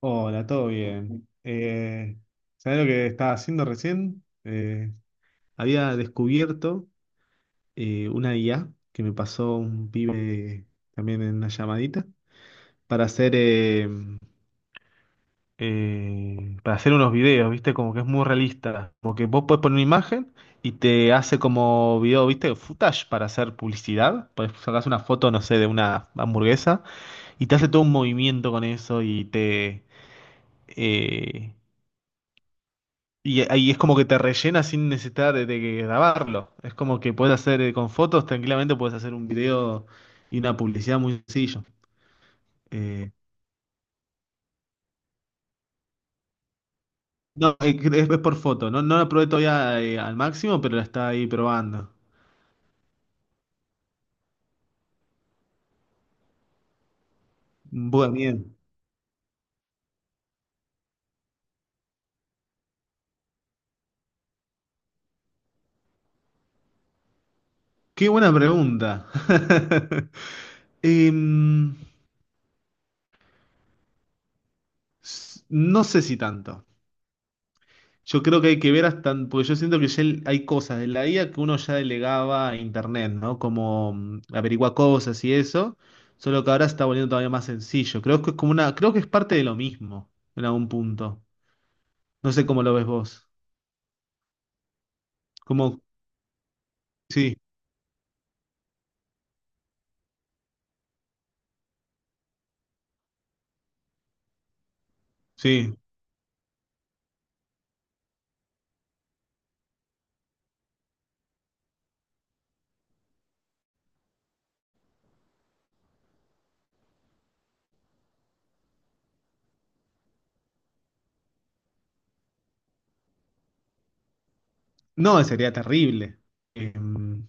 Hola, todo bien. ¿Sabés lo que estaba haciendo recién? Había descubierto una IA que me pasó un pibe también en una llamadita para hacer, eh, para hacer unos videos, ¿viste? Como que es muy realista. Como que vos podés poner una imagen y te hace como video, ¿viste? Footage para hacer publicidad. Podés sacar una foto, no sé, de una hamburguesa y te hace todo un movimiento con eso y te... eh, Y ahí es como que te rellena sin necesidad de grabarlo. Es como que puedes hacer con fotos, tranquilamente puedes hacer un video y una publicidad muy sencillo. Eh, no, es por foto. No, no la probé todavía al máximo, pero la está ahí probando. Bueno, bien. Qué buena pregunta. Em, no sé si tanto. Yo creo que hay que ver hasta, porque yo siento que ya hay cosas de la IA que uno ya delegaba a internet, ¿no? Como averiguar cosas y eso, solo que ahora se está volviendo todavía más sencillo. Creo que es como creo que es parte de lo mismo en algún punto. No sé cómo lo ves vos. Como, sí, sí. No, sería terrible. Em,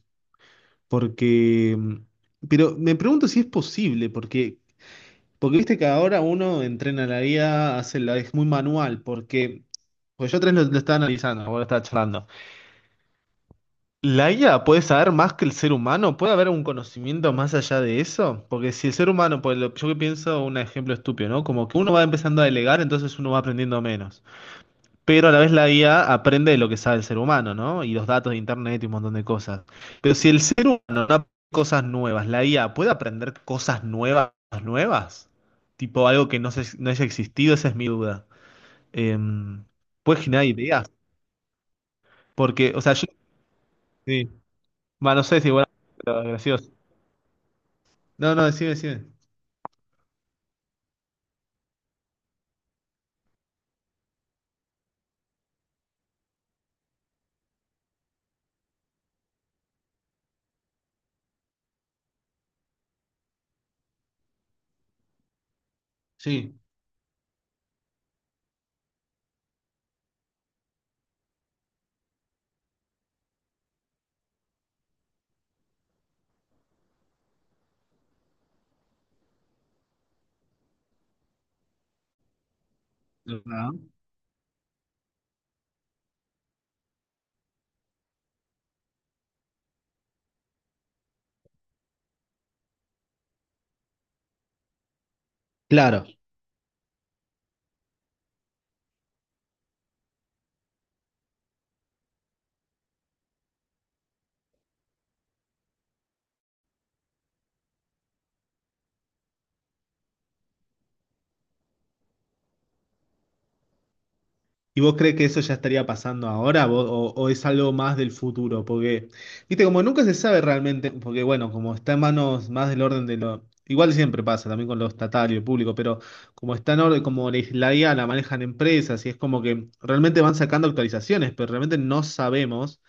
porque, pero me pregunto si es posible, porque porque viste que ahora uno entrena la IA, hace la, es muy manual, porque pues yo tres lo estaba analizando, vos lo estaba charlando. ¿La IA puede saber más que el ser humano? ¿Puede haber un conocimiento más allá de eso? Porque si el ser humano, pues yo que pienso un ejemplo estúpido, ¿no? Como que uno va empezando a delegar, entonces uno va aprendiendo menos pero a la vez la IA aprende de lo que sabe el ser humano, ¿no? Y los datos de internet y un montón de cosas. Pero si el ser humano no aprende cosas nuevas, la IA puede aprender cosas nuevas, tipo algo que no haya existido, esa es mi duda. Em, puede generar ideas, porque, o sea, yo, sí, bueno, no sé bueno, pero gracioso. No, no, decime, decime. Sí. ¿Verdad? Claro, ¿y vos crees que eso ya estaría pasando ahora o es algo más del futuro? Porque, viste, como nunca se sabe realmente, porque bueno, como está en manos más del orden de lo... Igual siempre pasa también con lo estatal y el público, pero como está en orden, como la IA la manejan empresas y es como que realmente van sacando actualizaciones, pero realmente no sabemos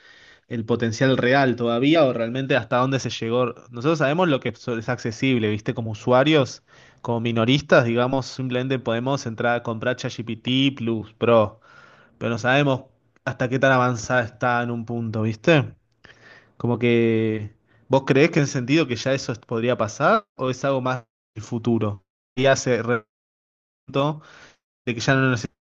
el potencial real todavía o realmente hasta dónde se llegó. Nosotros sabemos lo que es accesible, viste, como usuarios, como minoristas, digamos, simplemente podemos entrar a comprar ChatGPT Plus Pro pero no sabemos hasta qué tan avanzada está en un punto, ¿viste? Como que, ¿vos creés que en el sentido que ya eso podría pasar o es algo más del futuro? Y hace reto de que ya no necesita...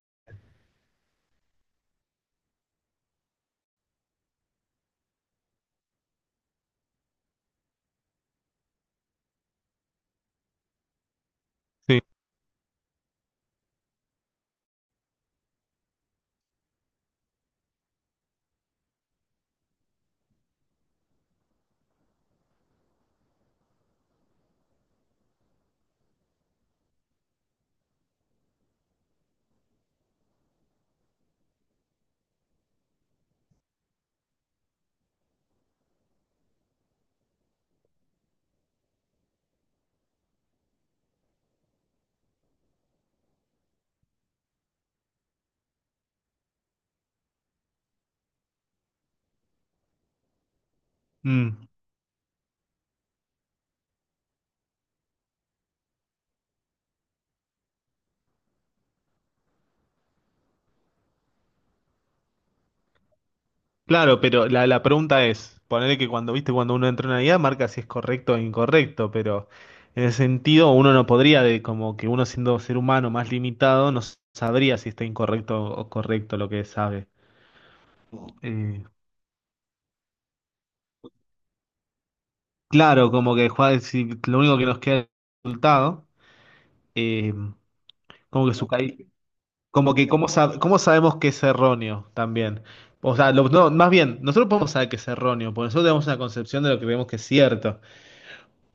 Claro, pero la pregunta es, ponerle que cuando, viste, cuando uno entra en una IA marca si es correcto o incorrecto, pero en el sentido uno no podría, de como que uno siendo ser humano más limitado, no sabría si está incorrecto o correcto lo que sabe. Eh, Claro, como que juega, si lo único que nos queda es el resultado, eh, como que como que cómo, cómo sabemos que es erróneo también. O sea, no, más bien, nosotros podemos saber que es erróneo, porque nosotros tenemos una concepción de lo que vemos que es cierto,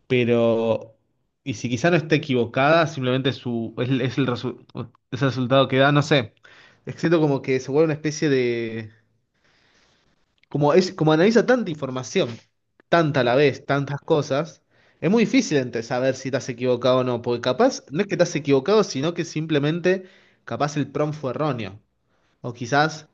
pero, y si quizá no esté equivocada, simplemente su, es el resu- es el resultado que da, no sé. Es que siento como que se vuelve una especie de... como es, como analiza tanta información, tanta a la vez, tantas cosas, es muy difícil entre saber si te has equivocado o no, porque capaz no es que te has equivocado, sino que simplemente capaz el prompt fue erróneo. O quizás,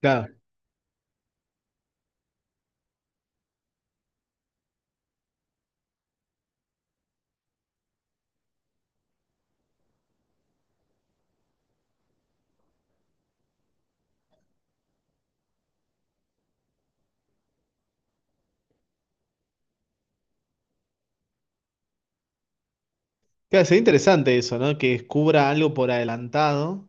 claro, claro, sería interesante eso, ¿no? Que descubra algo por adelantado.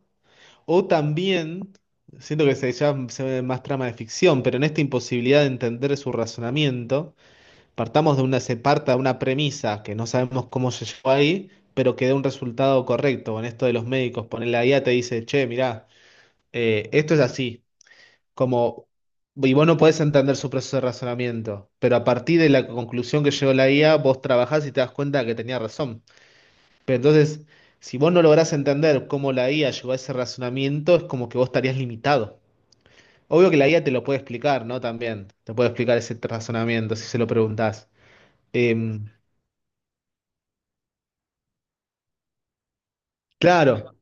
O también, siento que se, ya se ve más trama de ficción, pero en esta imposibilidad de entender su razonamiento. Partamos de se parta de una premisa que no sabemos cómo se llegó ahí, pero que dé un resultado correcto. En esto de los médicos, ponerle la guía te dice, che, mirá, esto es así. Como, y vos no podés entender su proceso de razonamiento, pero a partir de la conclusión que llegó la guía, vos trabajás y te das cuenta que tenía razón. Pero entonces, si vos no lográs entender cómo la guía llegó a ese razonamiento, es como que vos estarías limitado. Obvio que la guía te lo puede explicar, ¿no? También, te puede explicar ese razonamiento si se lo preguntás. Em, claro.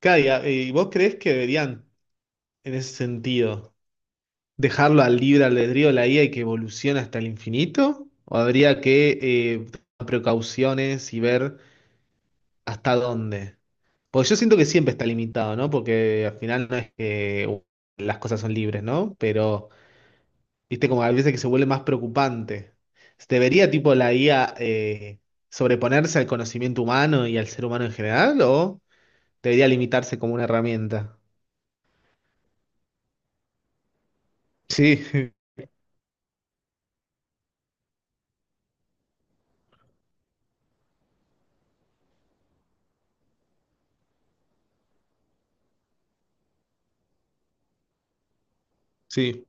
Claro, ¿y vos crees que deberían, en ese sentido, dejarlo al libre albedrío de la IA y que evolucione hasta el infinito? ¿O habría que tomar precauciones y ver hasta dónde? Porque yo siento que siempre está limitado, ¿no? Porque al final no es que las cosas son libres, ¿no? Pero, viste, como a veces que se vuelve más preocupante. ¿Debería, tipo, la IA sobreponerse al conocimiento humano y al ser humano en general? ¿O debería limitarse como una herramienta? Sí, sí.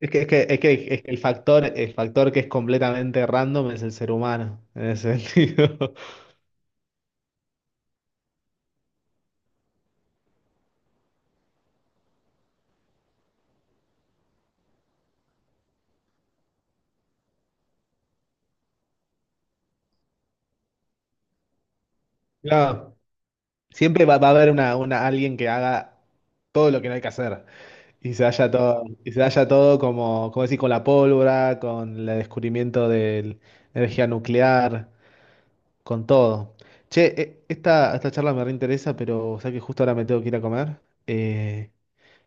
Es que, es que, es que, es que el factor que es completamente random es el ser humano, en ese sentido. Claro, siempre va a haber una, alguien que haga todo lo que no hay que hacer. Y se haya todo, y se haya todo como, como decir, con la pólvora, con el descubrimiento de la energía nuclear, con todo. Che, esta charla me reinteresa, pero o sea que justo ahora me tengo que ir a comer. Eh,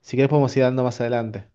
si querés podemos ir dando más adelante.